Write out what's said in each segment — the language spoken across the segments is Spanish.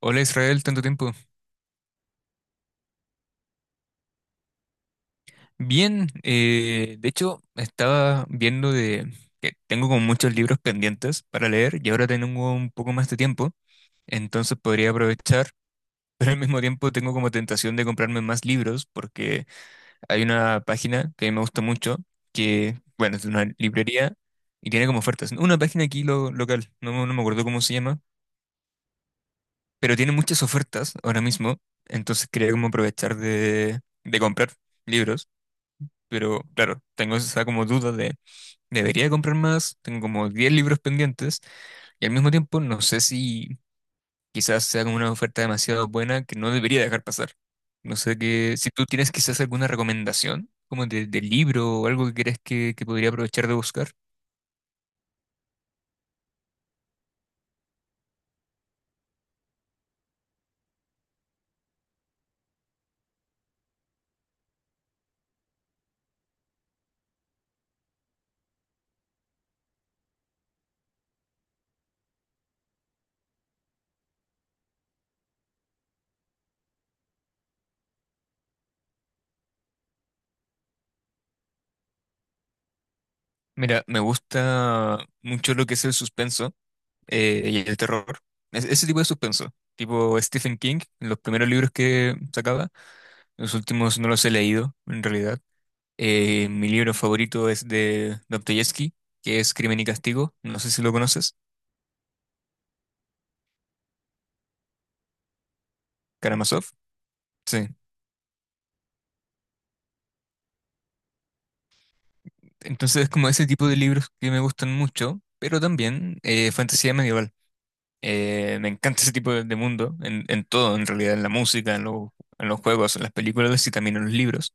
Hola Israel, tanto tiempo. Bien, de hecho estaba viendo de que tengo como muchos libros pendientes para leer y ahora tengo un poco más de tiempo, entonces podría aprovechar, pero al mismo tiempo tengo como tentación de comprarme más libros porque hay una página que me gusta mucho, que bueno, es una librería y tiene como ofertas. Una página aquí local, no, no me acuerdo cómo se llama, pero tiene muchas ofertas ahora mismo, entonces quería como aprovechar de comprar libros. Pero claro, tengo esa como duda de, ¿debería comprar más? Tengo como 10 libros pendientes y al mismo tiempo no sé si quizás sea como una oferta demasiado buena que no debería dejar pasar. No sé que, si tú tienes quizás alguna recomendación como de libro o algo que crees que podría aprovechar de buscar. Mira, me gusta mucho lo que es el suspenso y el terror. Ese tipo de suspenso, tipo Stephen King, los primeros libros que sacaba, los últimos no los he leído en realidad. Mi libro favorito es de Dostoyevsky, que es Crimen y Castigo. No sé si lo conoces, Karamazov. Sí. Entonces es como ese tipo de libros que me gustan mucho, pero también fantasía medieval. Me encanta ese tipo de mundo, en todo, en realidad, en la música, en, en los juegos, en las películas y también en los libros.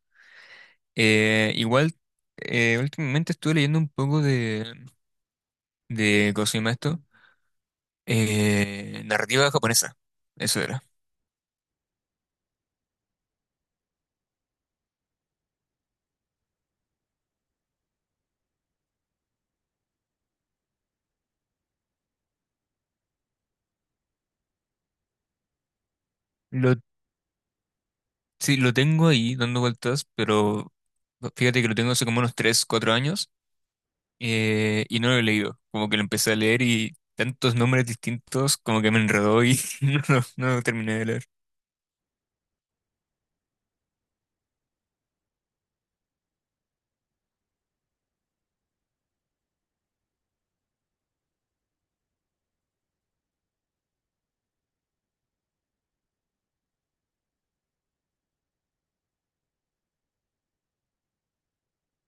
Igual, últimamente estuve leyendo un poco de ¿cómo se llama esto? Narrativa japonesa. Eso era. Lo Sí, lo tengo ahí dando vueltas, pero fíjate que lo tengo hace como unos 3 4 años y no lo he leído. Como que lo empecé a leer y tantos nombres distintos como que me enredó y no, no lo terminé de leer.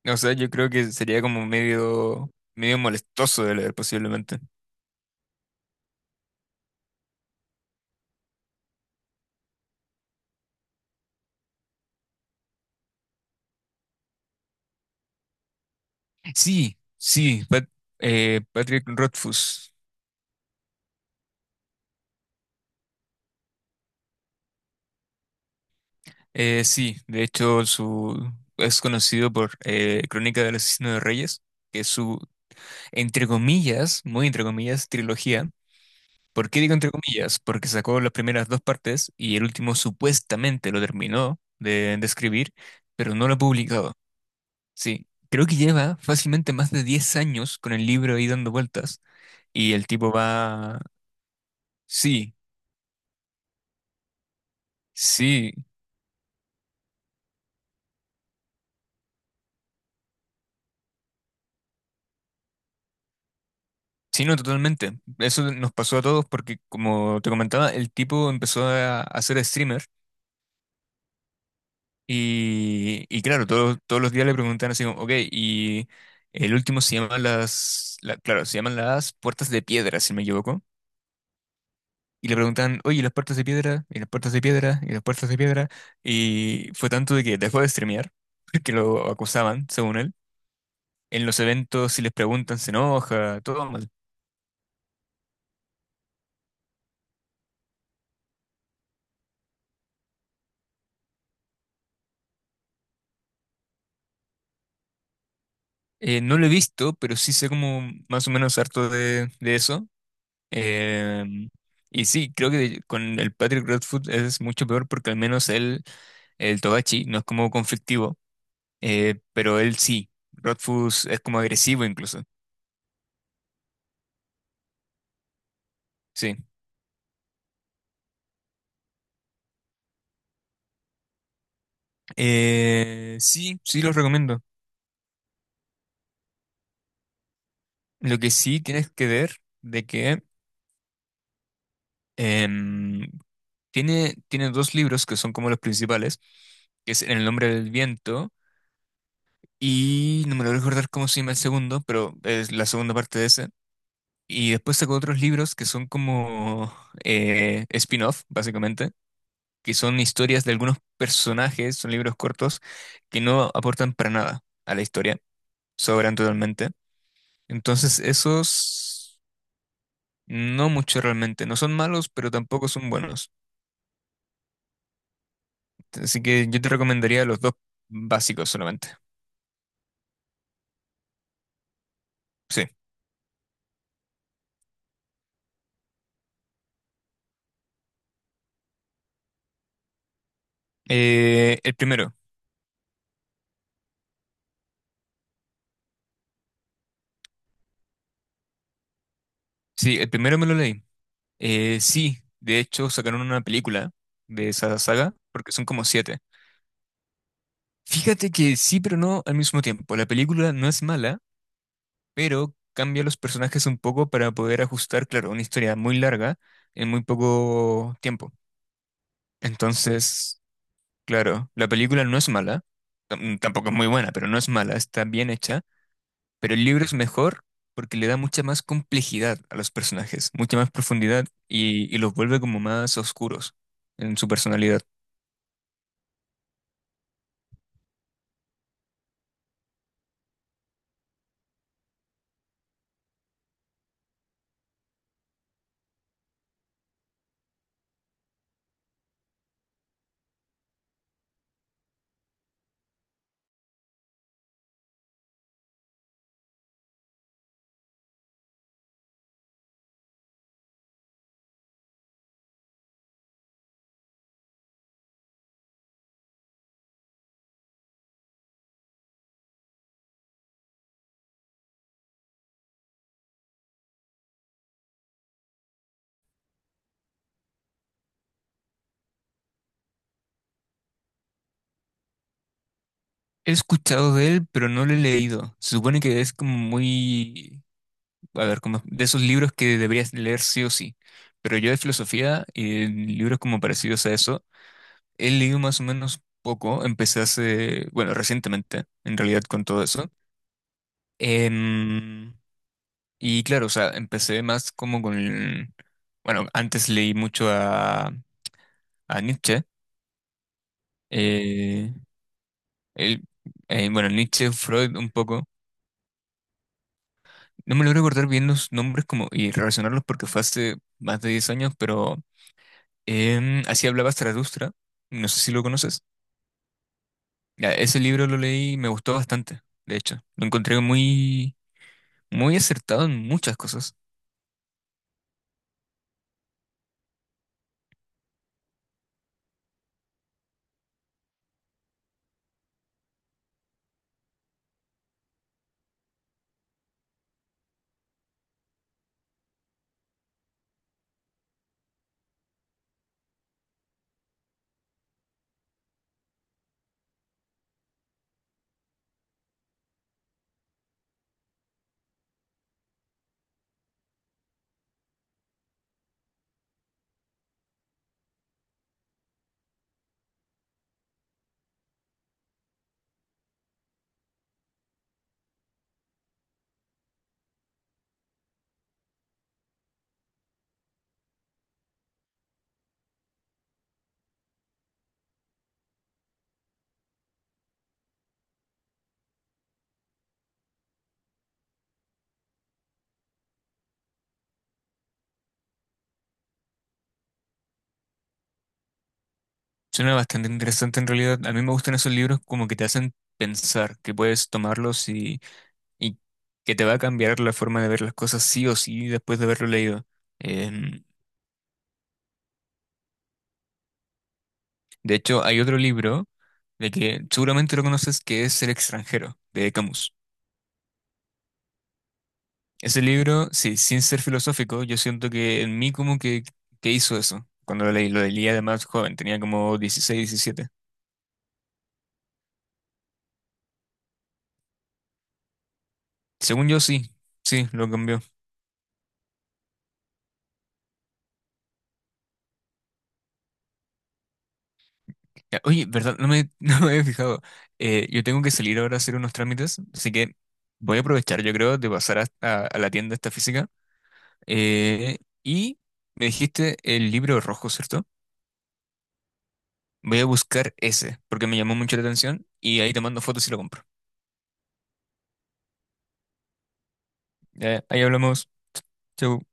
O sea, yo creo que sería como medio, molestoso de leer posiblemente. Sí, sí, Patrick Rothfuss. Sí, de hecho es conocido por Crónica del Asesino de Reyes, que es su, entre comillas, muy entre comillas, trilogía. ¿Por qué digo entre comillas? Porque sacó las primeras dos partes y el último supuestamente lo terminó de escribir, pero no lo ha publicado. Sí, creo que lleva fácilmente más de 10 años con el libro ahí dando vueltas y el tipo va... Sí, sí, sí, no, totalmente. Eso nos pasó a todos porque, como te comentaba, el tipo empezó hacer ser streamer. Y claro, todos los días le preguntan así como, ok, y el último se llama claro, se llaman las puertas de piedra, si no me equivoco. Y le preguntan, oye, ¿y las puertas de piedra, y las puertas de piedra, y las puertas de piedra? Y fue tanto de que dejó de streamear, que lo acusaban, según él. En los eventos, si les preguntan, se enoja, todo mal. No lo he visto, pero sí sé como más o menos harto de eso. Em, y sí, creo que con el Patrick Redfoot es mucho peor porque al menos él el Togashi no es como conflictivo, pero él sí. Rodfus es como agresivo incluso. Sí. Sí, sí los recomiendo. Lo que sí tienes que ver de que em, tiene dos libros que son como los principales, que es En el nombre del viento y no me lo voy a recordar cómo se llama el segundo, pero es la segunda parte de ese. Y después sacó otros libros que son como spin-off, básicamente, que son historias de algunos personajes, son libros cortos, que no aportan para nada a la historia, sobran totalmente. Entonces, esos no mucho realmente, no son malos, pero tampoco son buenos. Así que yo te recomendaría los dos básicos solamente. Sí. Eh, el primero, sí, el primero me lo leí. Sí, de hecho sacaron una película de esa saga, porque son como siete. Fíjate que sí, pero no al mismo tiempo. La película no es mala, pero cambia los personajes un poco para poder ajustar, claro, una historia muy larga en muy poco tiempo. Entonces, claro, la película no es mala, tampoco es muy buena, pero no es mala, está bien hecha, pero el libro es mejor porque le da mucha más complejidad a los personajes, mucha más profundidad y los vuelve como más oscuros en su personalidad. He escuchado de él, pero no lo he leído. Se supone que es como muy a ver, como de esos libros que deberías leer sí o sí. Pero yo de filosofía y libros como parecidos a eso, he leído más o menos poco. Empecé hace, bueno, recientemente, en realidad, con todo eso. Em, y claro, o sea, empecé más como con, bueno, antes leí mucho a Nietzsche. eh, él- bueno, Nietzsche, Freud, un poco. No me logro recordar bien los nombres como, y relacionarlos porque fue hace más de 10 años, pero así hablaba Zaratustra, no sé si lo conoces. Ya, ese libro lo leí y me gustó bastante, de hecho. Lo encontré muy, muy acertado en muchas cosas. Suena bastante interesante en realidad. A mí me gustan esos libros como que te hacen pensar, que puedes tomarlos y que te va a cambiar la forma de ver las cosas sí o sí después de haberlo leído. Em, de hecho, hay otro libro de que seguramente lo conoces que es El extranjero, de Camus. Ese libro, sí, sin ser filosófico, yo siento que en mí como que hizo eso. Cuando lo leí además joven, tenía como 16, 17. Según yo, sí, sí, lo cambió. Ya, oye, ¿verdad? No me, no me había fijado. Yo tengo que salir ahora a hacer unos trámites, así que voy a aprovechar, yo creo, de pasar a la tienda esta física. Eh, y me dijiste el libro rojo, ¿cierto? Voy a buscar ese, porque me llamó mucho la atención y ahí te mando fotos y lo compro. Ya, ahí hablamos. Chau.